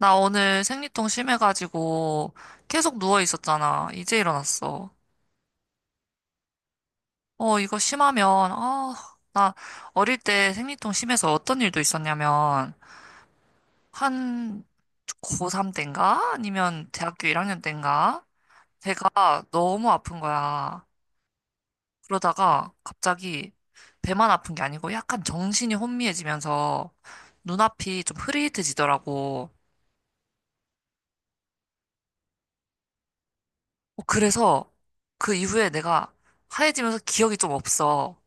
나 오늘 생리통 심해가지고 계속 누워 있었잖아. 이제 일어났어. 이거 심하면, 나 어릴 때 생리통 심해서 어떤 일도 있었냐면, 한 고3 때인가? 아니면 대학교 1학년 때인가? 배가 너무 아픈 거야. 그러다가 갑자기 배만 아픈 게 아니고 약간 정신이 혼미해지면서 눈앞이 좀 흐릿해지더라고. 어, 그래서 그 이후에 내가 하얘지면서 기억이 좀 없어.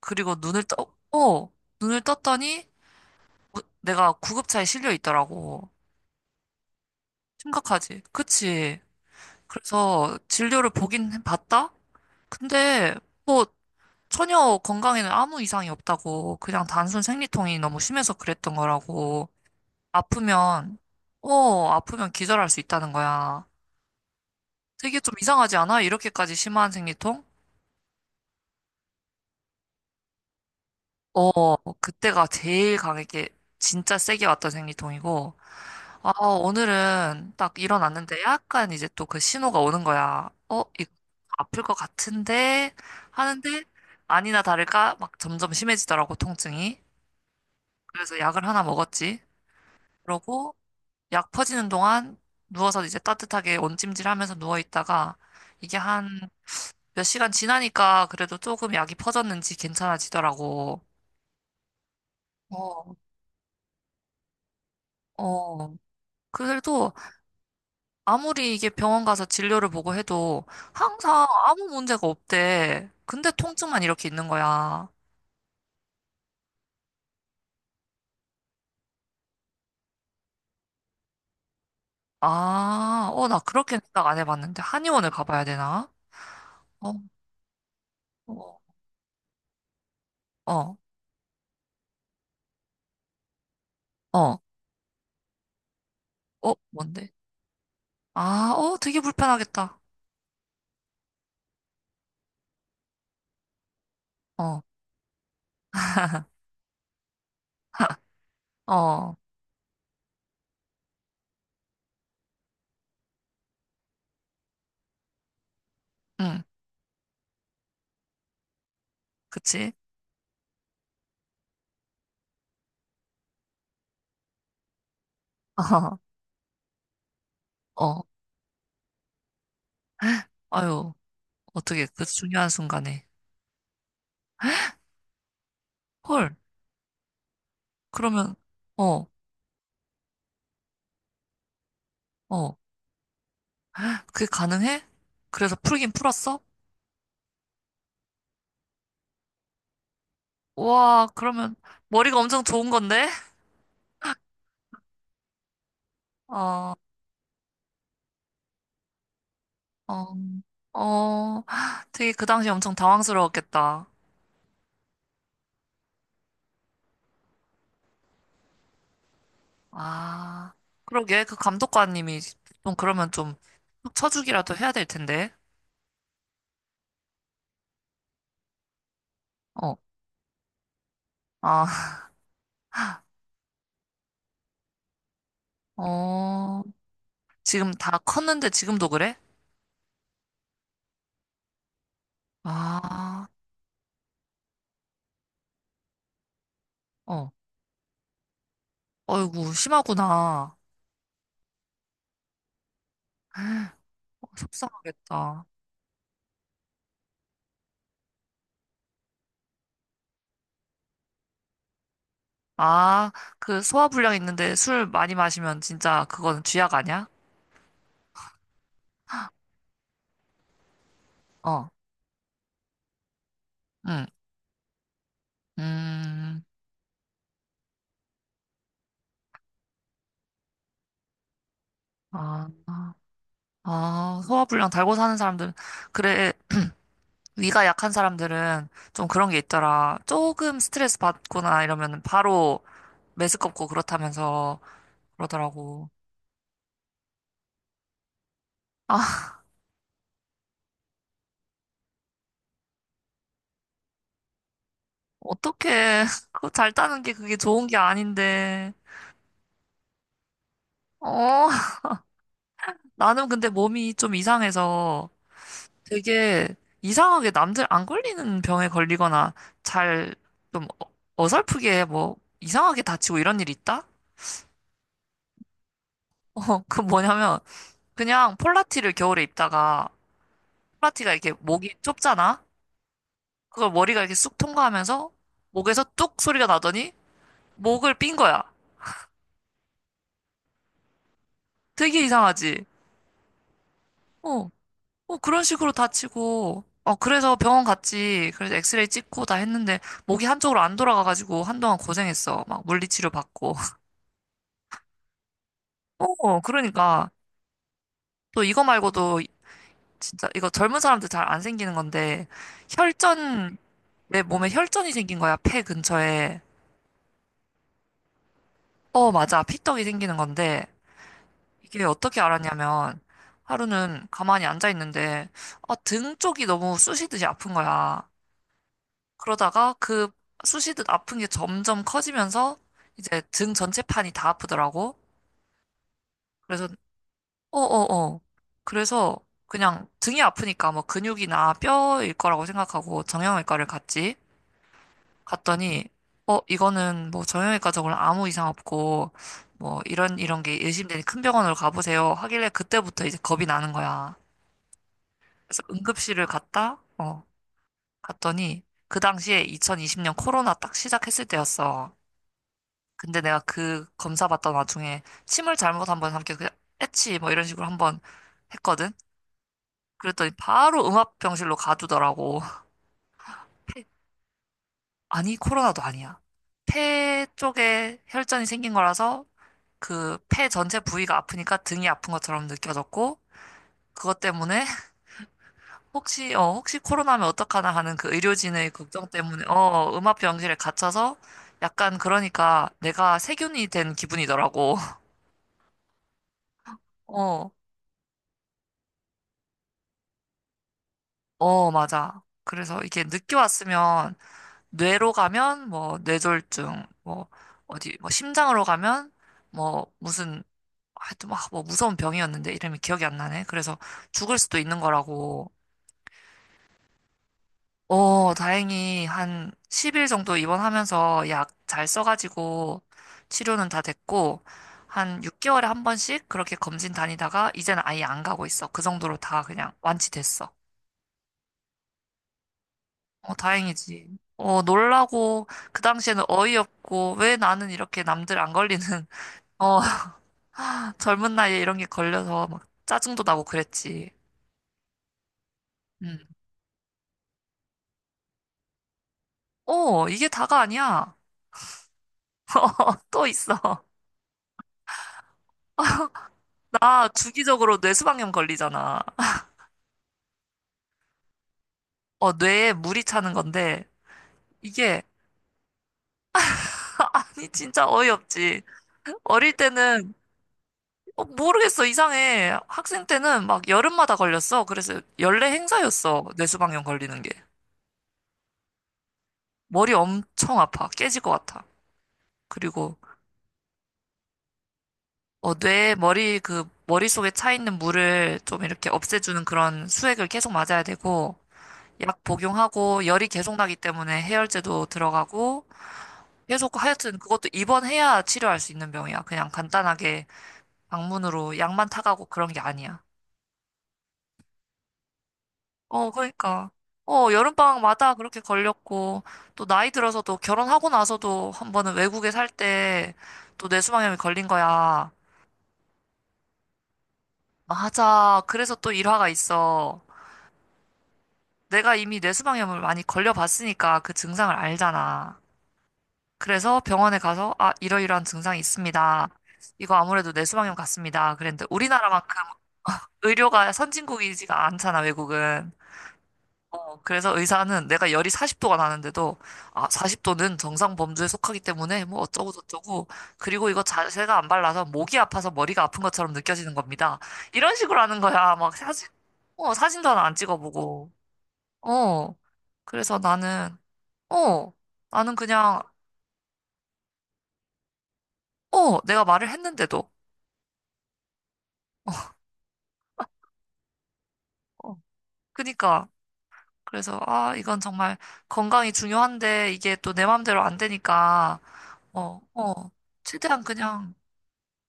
그리고 눈을 떠, 어, 눈을 떴더니 내가 구급차에 실려 있더라고. 심각하지? 그치? 그래서 진료를 보긴 봤다? 근데 뭐 전혀 건강에는 아무 이상이 없다고. 그냥 단순 생리통이 너무 심해서 그랬던 거라고. 아프면, 아프면 기절할 수 있다는 거야. 되게 좀 이상하지 않아? 이렇게까지 심한 생리통? 어, 그때가 제일 강하게 진짜 세게 왔던 생리통이고. 아, 오늘은 딱 일어났는데 약간 이제 또 그 신호가 오는 거야. 어, 이거 아플 것 같은데 하는데 아니나 다를까 막 점점 심해지더라고, 통증이. 그래서 약을 하나 먹었지. 그러고 약 퍼지는 동안 누워서 이제 따뜻하게 온찜질 하면서 누워 있다가 이게 한 몇 시간 지나니까 그래도 조금 약이 퍼졌는지 괜찮아지더라고. 어, 어. 그래도 아무리 이게 병원 가서 진료를 보고 해도 항상 아무 문제가 없대. 근데 통증만 이렇게 있는 거야. 아, 어, 나 그렇게 생각 안 해봤는데. 한의원을 가봐야 되나? 어, 어, 어, 어, 어, 뭔데? 아, 어, 되게 불편하겠다. 어, 어, 응, 그치? 어, 아유, 어떻게 그 중요한 순간에. 헐, 그러면, 어, 어, 그게 가능해? 그래서 풀긴 풀었어? 와, 그러면 머리가 엄청 좋은 건데? 어, 어, 어, 되게 그 당시 엄청 당황스러웠겠다. 아, 그러게. 그 감독관님이 좀 그러면 좀 쳐주기라도 해야 될 텐데. 어, 아, 어, 지금 다 컸는데 지금도 그래? 아, 어, 어이구, 심하구나. 어, 속상하겠다. 아, 그 소화불량 있는데 술 많이 마시면 진짜 그거는 쥐약 아니야? 어, 응, 음, 아. 아, 소화불량 달고 사는 사람들은, 그래, 위가 약한 사람들은 좀 그런 게 있더라. 조금 스트레스 받거나 이러면 바로 메스껍고 그렇다면서 그러더라고. 아, 어떡해. 그거 잘 따는 게 그게 좋은 게 아닌데. 어, 나는 근데 몸이 좀 이상해서 되게 이상하게 남들 안 걸리는 병에 걸리거나 잘 좀 어, 어설프게 뭐 이상하게 다치고 이런 일 있다? 어, 그 뭐냐면 그냥 폴라티를 겨울에 입다가 폴라티가 이렇게 목이 좁잖아? 그걸 머리가 이렇게 쑥 통과하면서 목에서 뚝 소리가 나더니 목을 삔 거야. 되게 이상하지? 어, 어, 그런 식으로 다치고. 어, 그래서 병원 갔지. 그래서 엑스레이 찍고 다 했는데 목이 한쪽으로 안 돌아가가지고 한동안 고생했어. 막 물리치료 받고. 어, 그러니까. 또 이거 말고도 진짜 이거 젊은 사람들 잘 안 생기는 건데 혈전, 내 몸에 혈전이 생긴 거야. 폐 근처에. 어, 맞아. 피떡이 생기는 건데, 이게 어떻게 알았냐면, 하루는 가만히 앉아 있는데, 아, 등 쪽이 너무 쑤시듯이 아픈 거야. 그러다가 그 쑤시듯 아픈 게 점점 커지면서, 이제 등 전체판이 다 아프더라고. 그래서, 어어어. 그래서 그냥 등이 아프니까 뭐 근육이나 뼈일 거라고 생각하고 정형외과를 갔지. 갔더니 이거는 뭐 정형외과 적으로 아무 이상 없고 뭐 이런 이런 게 의심되니 큰 병원으로 가보세요 하길래 그때부터 이제 겁이 나는 거야. 그래서 응급실을 갔다 갔더니 그 당시에 2020년 코로나 딱 시작했을 때였어. 근데 내가 그 검사 받던 와중에 침을 잘못 한번 삼켜 그냥 애치 뭐 이런 식으로 한 번 했거든. 그랬더니 바로 음압병실로 가두더라고. 폐- 아니 코로나도 아니야. 폐 쪽에 혈전이 생긴 거라서 그 폐 전체 부위가 아프니까 등이 아픈 것처럼 느껴졌고 그것 때문에 혹시 코로나면 어떡하나 하는 그 의료진의 걱정 때문에 음압병실에 갇혀서 약간 그러니까 내가 세균이 된 기분이더라고. 어. 어, 맞아. 그래서 이게 늦게 왔으면 뇌로 가면 뭐 뇌졸중 뭐 어디 뭐 심장으로 가면 뭐 무슨 하여튼 막뭐 무서운 병이었는데 이름이 기억이 안 나네. 그래서 죽을 수도 있는 거라고. 어, 다행히 한 10일 정도 입원하면서 약 잘 써가지고 치료는 다 됐고, 한 6개월에 한 번씩 그렇게 검진 다니다가 이제는 아예 안 가고 있어. 그 정도로 다 그냥 완치됐어. 어, 다행이지. 어, 놀라고, 그 당시에는 어이없고, 왜 나는 이렇게 남들 안 걸리는, 어, 젊은 나이에 이런 게 걸려서 막 짜증도 나고 그랬지. 음. 어, 이게 다가 아니야. 또 있어. 나 주기적으로 뇌수방염 걸리잖아. 어, 뇌에 물이 차는 건데, 이게, 아니, 진짜 어이없지. 어릴 때는, 어, 모르겠어, 이상해. 학생 때는 막 여름마다 걸렸어. 그래서 연례 행사였어, 뇌수방염 걸리는 게. 머리 엄청 아파, 깨질 것 같아. 그리고, 어, 뇌에 머릿속에 차 있는 물을 좀 이렇게 없애주는 그런 수액을 계속 맞아야 되고, 약 복용하고, 열이 계속 나기 때문에 해열제도 들어가고, 계속 하여튼 그것도 입원해야 치료할 수 있는 병이야. 그냥 간단하게. 방문으로 약만 타가고 그런 게 아니야. 어, 그러니까. 어, 여름방학마다 그렇게 걸렸고, 또 나이 들어서도 결혼하고 나서도 한 번은 외국에 살 때 또 뇌수방염이 걸린 거야. 맞아. 그래서 또 일화가 있어. 내가 이미 뇌수방염을 많이 걸려봤으니까 그 증상을 알잖아. 그래서 병원에 가서, 아, 이러이러한 증상이 있습니다. 이거 아무래도 뇌수방염 같습니다. 그랬는데 우리나라만큼 의료가 선진국이지가 않잖아, 외국은. 어, 그래서 의사는 내가 열이 40도가 나는데도, 아, 40도는 정상 범주에 속하기 때문에 뭐 어쩌고 저쩌고, 그리고 이거 자세가 안 발라서 목이 아파서 머리가 아픈 것처럼 느껴지는 겁니다. 이런 식으로 하는 거야. 막 사진, 어, 사진도 하나 안 찍어보고. 어, 그래서 어, 나는 그냥, 어, 내가 말을 했는데도. 어, 그니까. 그래서, 아, 이건 정말 건강이 중요한데, 이게 또 내 마음대로 안 되니까, 어, 어, 최대한 그냥,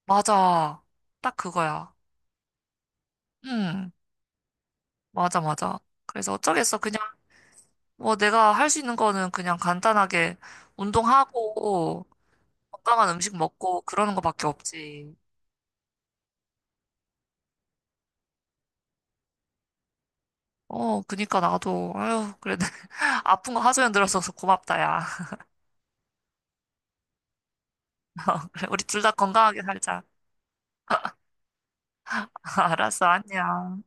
맞아. 딱 그거야. 응, 맞아, 맞아. 그래서 어쩌겠어. 그냥 뭐 내가 할 수 있는 거는 그냥 간단하게 운동하고 건강한 음식 먹고 그러는 거밖에 없지. 어, 그니까 나도, 아유, 그래도 아픈 거 하소연 들어서 고맙다, 야. 그래, 우리 둘 다 건강하게 살자. 알았어, 안녕.